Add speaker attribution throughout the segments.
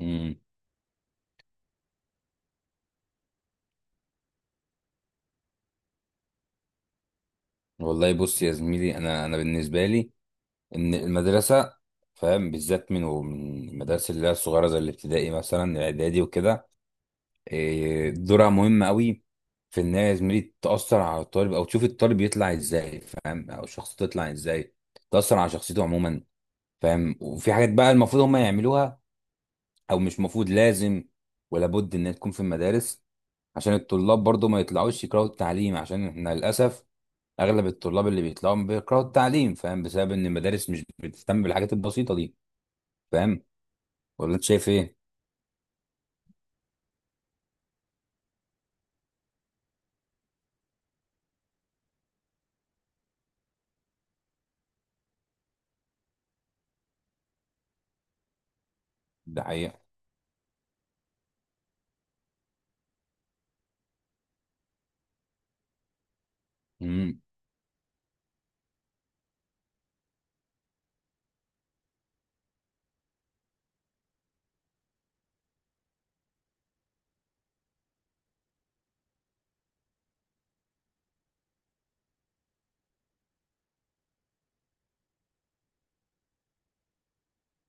Speaker 1: امم والله بص يا زميلي، انا بالنسبه لي ان المدرسه، فاهم، بالذات من المدارس اللي هي الصغيره زي الابتدائي مثلا الاعدادي وكده. إيه، دورها مهم قوي في ان هي يا زميلي تاثر على الطالب او تشوف الطالب يطلع ازاي، فاهم، او شخصيته تطلع ازاي، تاثر على شخصيته عموما، فاهم. وفي حاجات بقى المفروض هم يعملوها او مش مفروض، لازم ولا بد انها تكون في المدارس عشان الطلاب برضو ما يطلعوش يكرهوا التعليم، عشان احنا للاسف اغلب الطلاب اللي بيطلعوا بيكرهوا التعليم، فاهم، بسبب ان المدارس مش بتهتم بالحاجات البسيطه دي. فاهم؟ ولا انت شايف ايه؟ ده حقيقه. امم.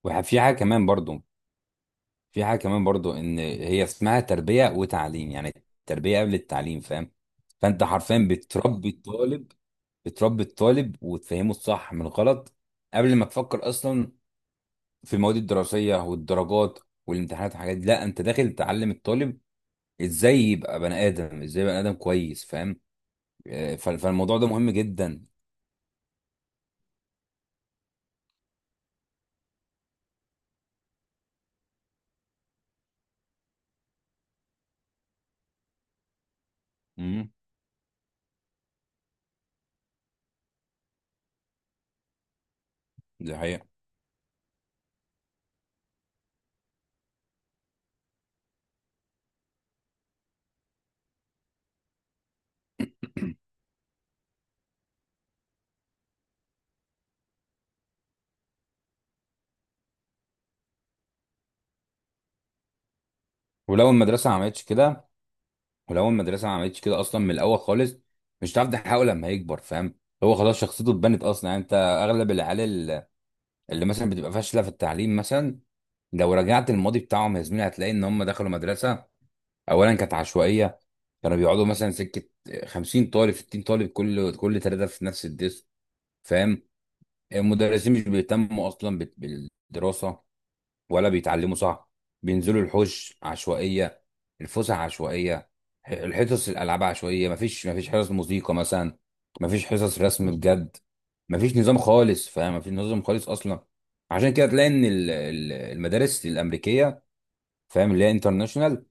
Speaker 1: وفي حاجه كمان برضو في حاجه كمان برضو ان هي اسمها تربيه وتعليم، يعني التربيه قبل التعليم، فاهم. فانت حرفيا بتربي الطالب، وتفهمه الصح من الغلط قبل ما تفكر اصلا في المواد الدراسيه والدرجات والامتحانات والحاجات دي. لا، انت داخل تعلم الطالب ازاي يبقى بني ادم، ازاي بني ادم كويس، فاهم. آه، فالموضوع ده مهم جدا. امم. دي حقيقة. ولو المدرسة ما عملتش كده ولو المدرسة ما عملتش كده أصلا من الأول خالص، مش هتعرف تحققه لما يكبر، فاهم. هو خلاص شخصيته اتبنت أصلا. يعني أنت أغلب اللي مثلا بتبقى فاشلة في التعليم مثلا، لو رجعت الماضي بتاعهم يا زميلي هتلاقي إن هم دخلوا مدرسة أولا كانت عشوائية، كانوا بيقعدوا مثلا سكة، 50 طالب، 60 طالب، كل ثلاثة في نفس الديسك، فاهم. المدرسين مش بيهتموا أصلا بالدراسة، ولا بيتعلموا صح، بينزلوا الحوش عشوائية، الفسح عشوائية، الحصص الألعاب عشوائية، مفيش حصص موسيقى مثلا، مفيش حصص رسم بجد، مفيش نظام خالص، فاهم، مفيش نظام خالص أصلا. عشان كده تلاقي إن المدارس الأمريكية، فاهم، اللي هي انترناشونال،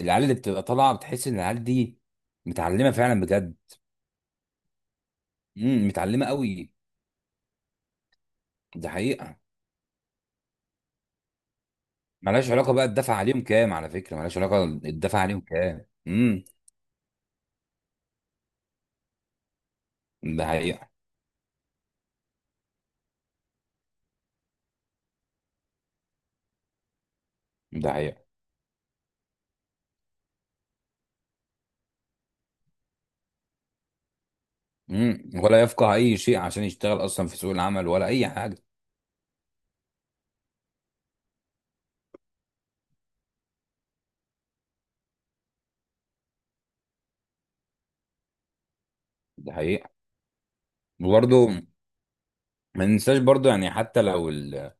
Speaker 1: العيال اللي بتبقى طالعة بتحس إن العيال دي متعلمة فعلا بجد. امم، متعلمة قوي. دي حقيقة. ملهاش علاقة بقى الدفع عليهم كام، على فكرة ملهاش علاقة الدفع عليهم كام. امم. ده حقيقة. ده حقيقة. مم. ولا يفقه اي شيء عشان يشتغل اصلا في سوق العمل ولا اي حاجه. ده حقيقه. وبرضه ما ننساش برضه، يعني حتى لو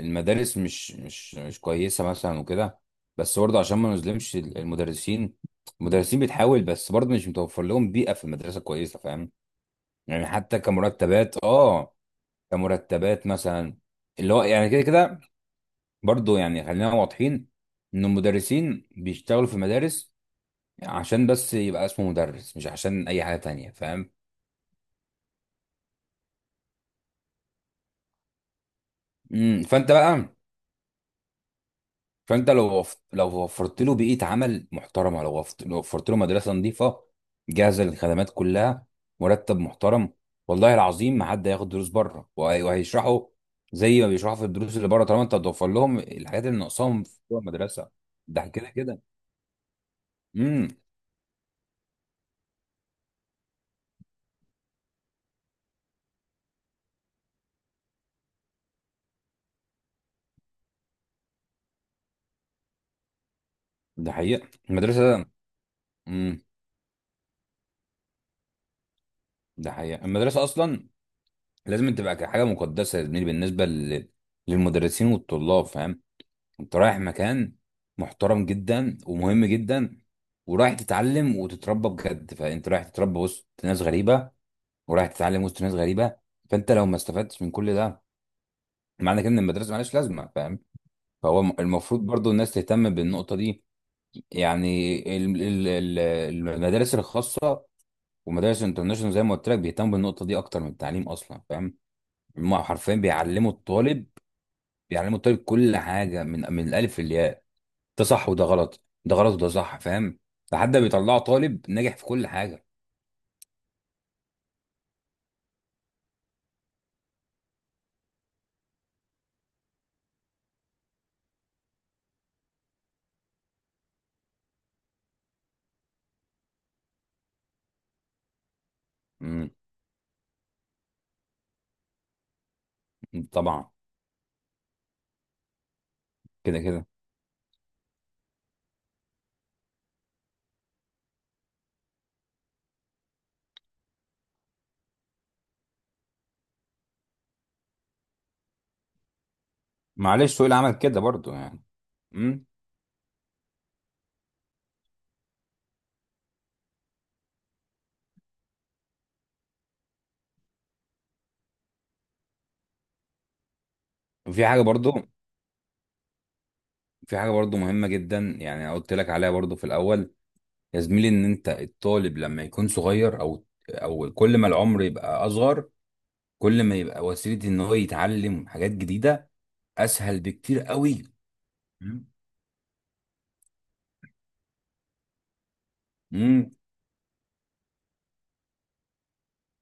Speaker 1: المدارس مش كويسه مثلا وكده، بس برضه عشان ما نظلمش المدرسين. المدرسين بتحاول، بس برضه مش متوفر لهم بيئه في المدرسه كويسه، فاهم. يعني حتى كمرتبات، اه، كمرتبات مثلا، اللي هو يعني كده كده، برضه يعني خلينا واضحين ان المدرسين بيشتغلوا في المدارس عشان بس يبقى اسمه مدرس، مش عشان اي حاجه تانية، فاهم. امم. فانت بقى، فانت لو وفرت له بيئه عمل محترمه، لو وفرت له مدرسه نظيفه جاهزه للخدمات كلها، مرتب محترم، والله العظيم ما حد هياخد دروس بره، وهيشرحوا زي ما بيشرحوا في الدروس اللي بره، طالما انت هتوفر لهم الحاجات اللي ناقصاهم في جوه المدرسه. ده كده كده. امم. ده حقيقه المدرسه. امم. ده حقيقه المدرسه اصلا لازم تبقى حاجه مقدسه يا زميلي بالنسبه للمدرسين والطلاب، فاهم. انت رايح مكان محترم جدا ومهم جدا، ورايح تتعلم وتتربى بجد. فانت رايح تتربى وسط ناس غريبه، ورايح تتعلم وسط ناس غريبه، فانت لو ما استفدتش من كل ده، معنى كده ان المدرسه مالهاش لازمه، فاهم. فهو المفروض برضو الناس تهتم بالنقطه دي. يعني المدارس الخاصه ومدارس الانترناشونال، زي ما قلت لك بيهتموا بالنقطه دي اكتر من التعليم اصلا، فاهم. هم حرفيا بيعلموا الطالب، بيعلموا الطالب كل حاجه من الالف للياء، ده صح وده غلط، ده غلط وده صح، فاهم، لحد ما بيطلعوا طالب ناجح في كل حاجه. امم. طبعا. كده كده. معلش سوق العمل كده برضو يعني. امم. وفي حاجه برضو، مهمه جدا، يعني أنا قلت لك عليها برضو في الاول، يا زميلي ان انت الطالب لما يكون صغير، او كل ما العمر يبقى اصغر، كل ما يبقى وسيله ان هو يتعلم حاجات جديده اسهل بكتير قوي. امم. امم.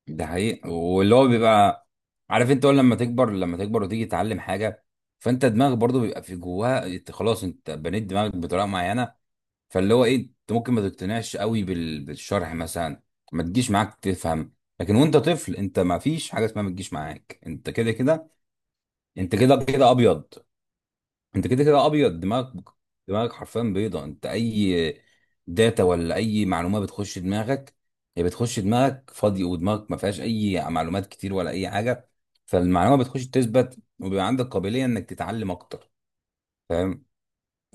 Speaker 1: ده حقيقي. واللي هو بيبقى عارف، انت اول لما تكبر، وتيجي تتعلم حاجه، فانت دماغك برضو بيبقى في جواها، انت خلاص انت بنيت دماغك بطريقه معينه. فاللي هو ايه، انت ممكن ما تقتنعش قوي بالشرح مثلا، ما تجيش معاك تفهم. لكن وانت طفل، انت ما فيش حاجه اسمها ما تجيش معاك، انت كده كده. انت كده كده ابيض انت كده كده ابيض دماغك. دماغك حرفيا بيضه. انت اي داتا ولا اي معلومه بتخش دماغك، هي بتخش دماغك فاضي، ودماغك ما فيهاش اي معلومات كتير ولا اي حاجه، فالمعلومه بتخش تثبت، وبيبقى عندك قابليه انك تتعلم اكتر.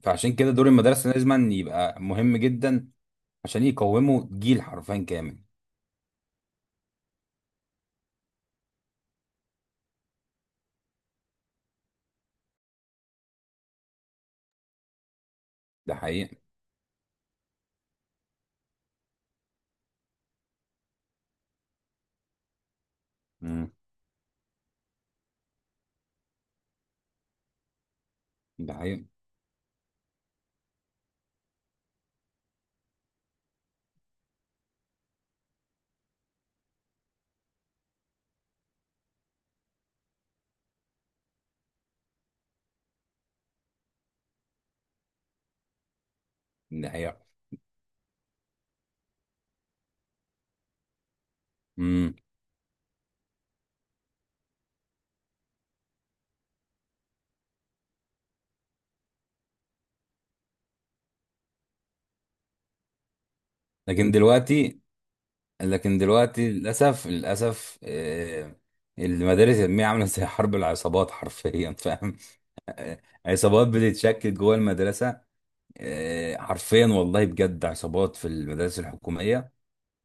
Speaker 1: فعشان كده دور المدرسه لازم يبقى مهم جدا عشان يقوموا جيل حرفيا كامل. ده حقيقي. امم. ده حقيقي. ده حقيقي. امم. لكن دلوقتي لكن دلوقتي للأسف، للأسف، آه، المدارس العلمية عاملة زي حرب العصابات حرفيا، فاهم. عصابات بتتشكل جوه المدرسة. آه، حرفيا والله بجد، عصابات في المدارس الحكومية،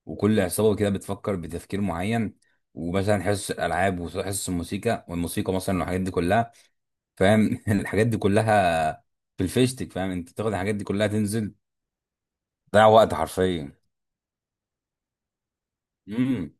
Speaker 1: وكل عصابة كده بتفكر بتفكير معين، ومثلا حصص الألعاب وحصص الموسيقى والموسيقى مثلا والحاجات دي كلها، فاهم. الحاجات دي كلها في الفيشتك، فاهم. انت تاخد الحاجات دي كلها، تنزل تضيع وقت حرفيا. امم.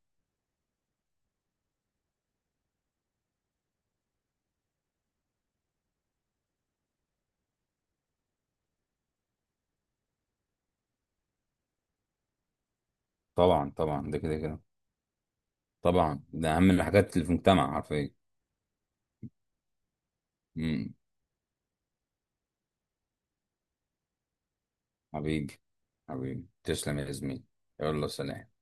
Speaker 1: طبعا طبعا، ده كده كده. طبعا ده اهم الحاجات اللي في المجتمع حرفيا. امم. حبيبي، حبيبي تسلم يا زميلي. يلا سلام.